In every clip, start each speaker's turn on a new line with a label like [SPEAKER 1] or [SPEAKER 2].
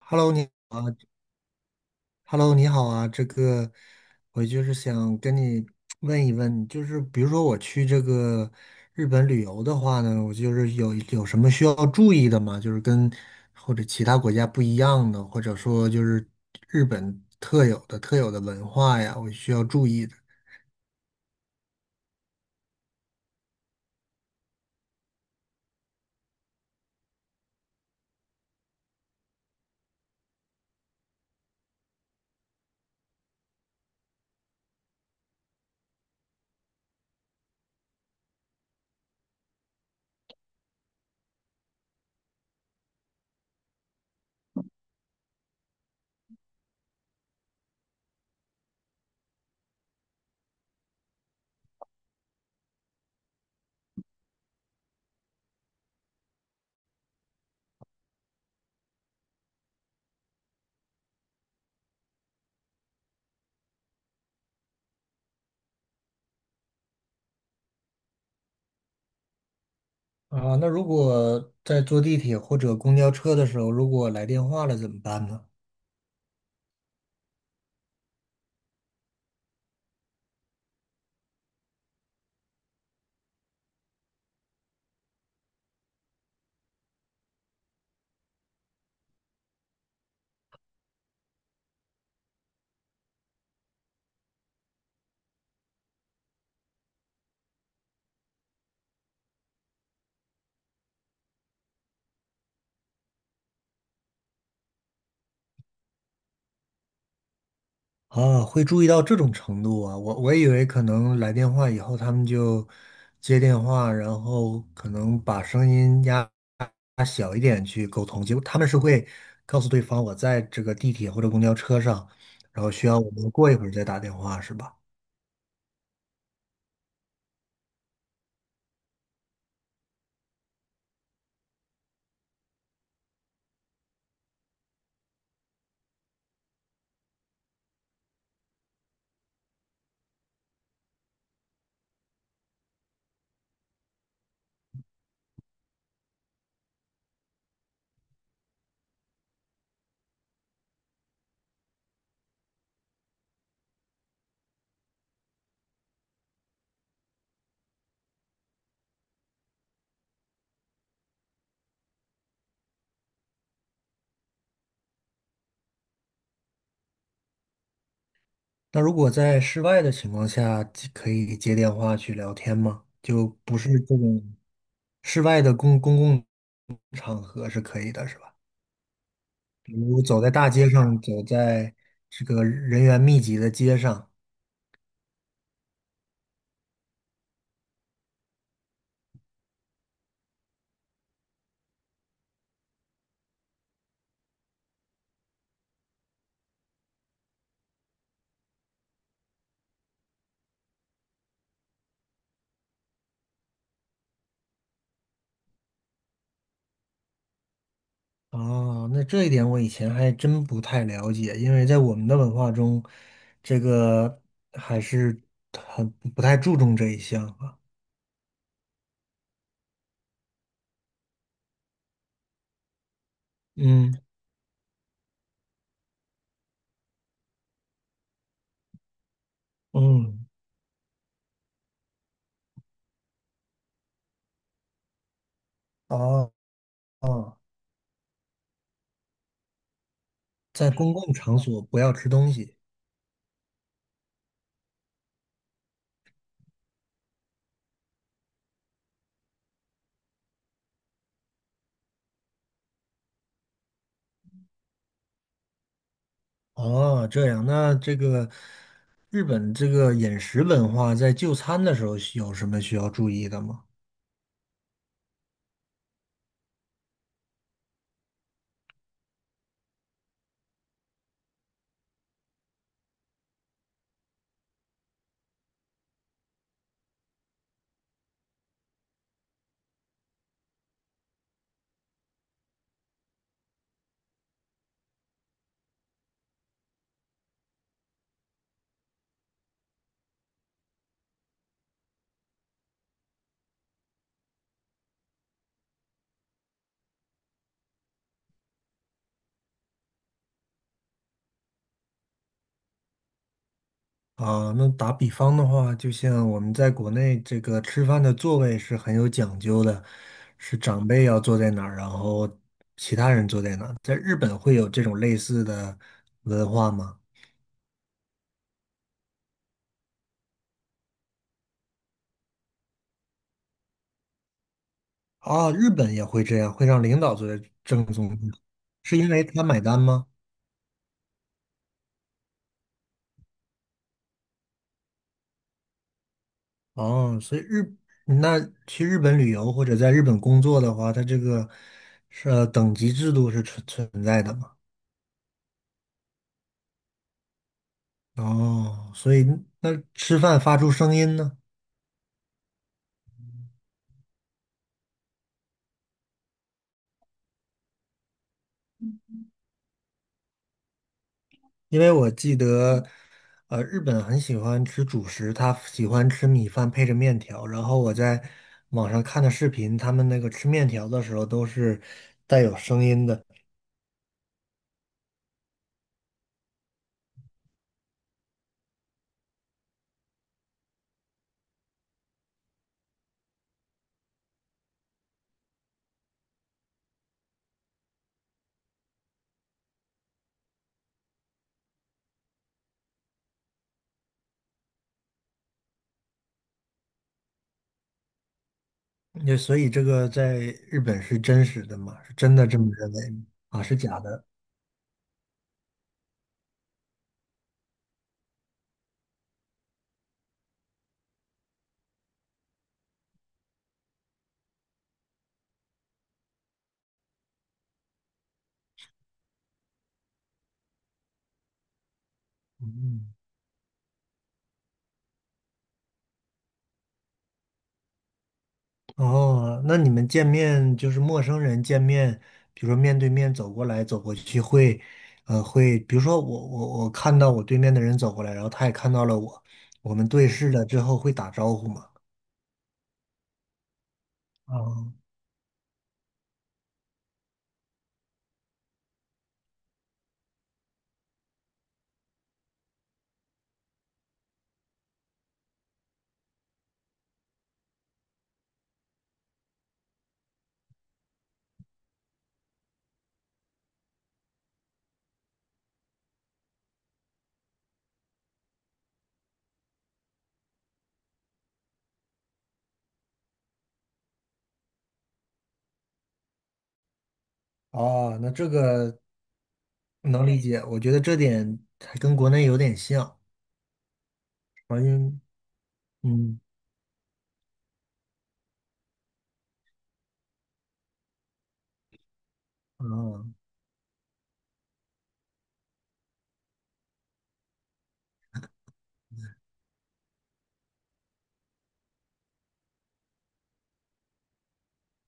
[SPEAKER 1] Hello，你好啊，Hello，你好啊。这个，我就是想跟你问一问，就是比如说我去这个日本旅游的话呢，我就是有什么需要注意的吗？就是跟或者其他国家不一样的，或者说就是日本特有的文化呀，我需要注意的。啊，那如果在坐地铁或者公交车的时候，如果来电话了怎么办呢？啊，会注意到这种程度啊！我以为可能来电话以后，他们就接电话，然后可能把声音压小一点去沟通。结果他们是会告诉对方，我在这个地铁或者公交车上，然后需要我们过一会儿再打电话，是吧？那如果在室外的情况下，可以接电话去聊天吗？就不是这种室外的公共场合是可以的，是吧？比如走在大街上，走在这个人员密集的街上。哦，那这一点我以前还真不太了解，因为在我们的文化中，这个还是很不太注重这一项啊。嗯嗯，哦哦，在公共场所不要吃东西。哦，这样，那这个日本这个饮食文化在就餐的时候需有什么需要注意的吗？啊，那打比方的话，就像我们在国内这个吃饭的座位是很有讲究的，是长辈要坐在哪儿，然后其他人坐在哪儿。在日本会有这种类似的文化吗？啊，日本也会这样，会让领导坐在正中间，是因为他买单吗？哦，所以日，那去日本旅游或者在日本工作的话，他这个是等级制度是存在的嘛？哦，所以那吃饭发出声音呢？因为我记得，日本很喜欢吃主食，他喜欢吃米饭配着面条。然后我在网上看的视频，他们那个吃面条的时候都是带有声音的，那所以这个在日本是真实的嘛？是真的这么认为吗？啊？是假的？嗯。嗯。哦，那你们见面就是陌生人见面，比如说面对面走过来走过去会，比如说我看到我对面的人走过来，然后他也看到了我，我们对视了之后会打招呼吗？啊，哦，那这个能理解，我觉得这点还跟国内有点像。好像嗯。哦，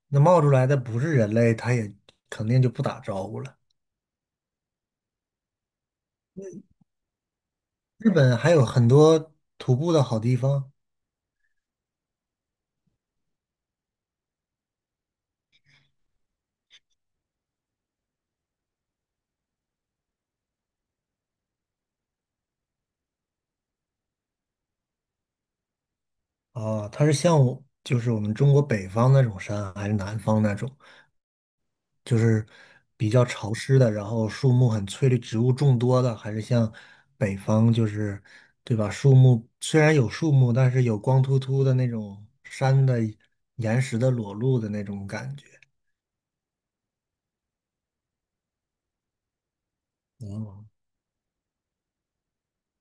[SPEAKER 1] 那冒出来的不是人类，他也肯定就不打招呼了。日本还有很多徒步的好地方。啊，它是像我就是我们中国北方那种山啊，还是南方那种，就是比较潮湿的，然后树木很翠绿，植物众多的，还是像北方就是对吧？树木虽然有树木，但是有光秃秃的那种山的岩石的裸露的那种感觉。嗯，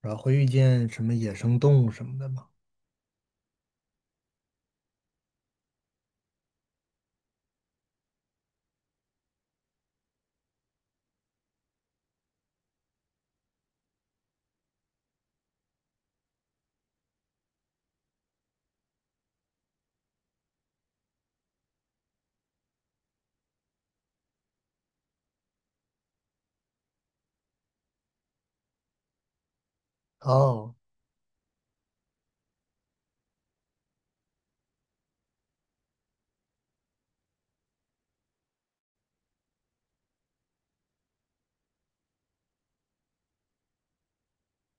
[SPEAKER 1] 然后会遇见什么野生动物什么的吗？哦，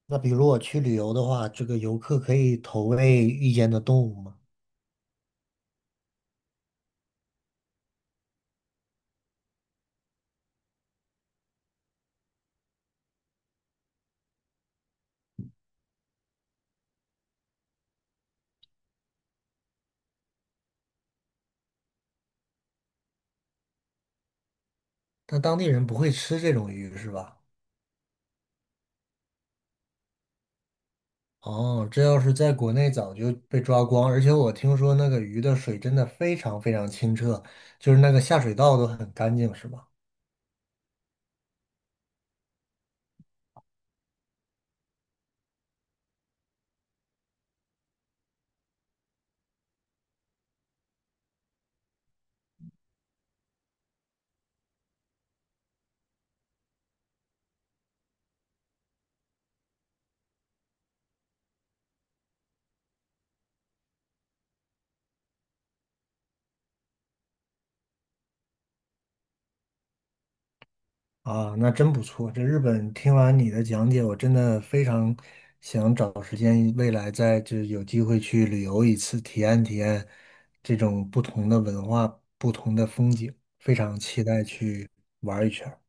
[SPEAKER 1] 那比如我去旅游的话，这个游客可以投喂遇见的动物吗？但当地人不会吃这种鱼是吧？哦，这要是在国内早就被抓光，而且我听说那个鱼的水真的非常非常清澈，就是那个下水道都很干净，是吧？啊，那真不错。这日本听完你的讲解，我真的非常想找时间，未来再就是有机会去旅游一次，体验体验这种不同的文化、不同的风景，非常期待去玩一圈儿。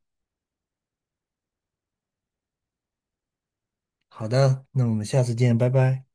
[SPEAKER 1] 好的，那我们下次见，拜拜。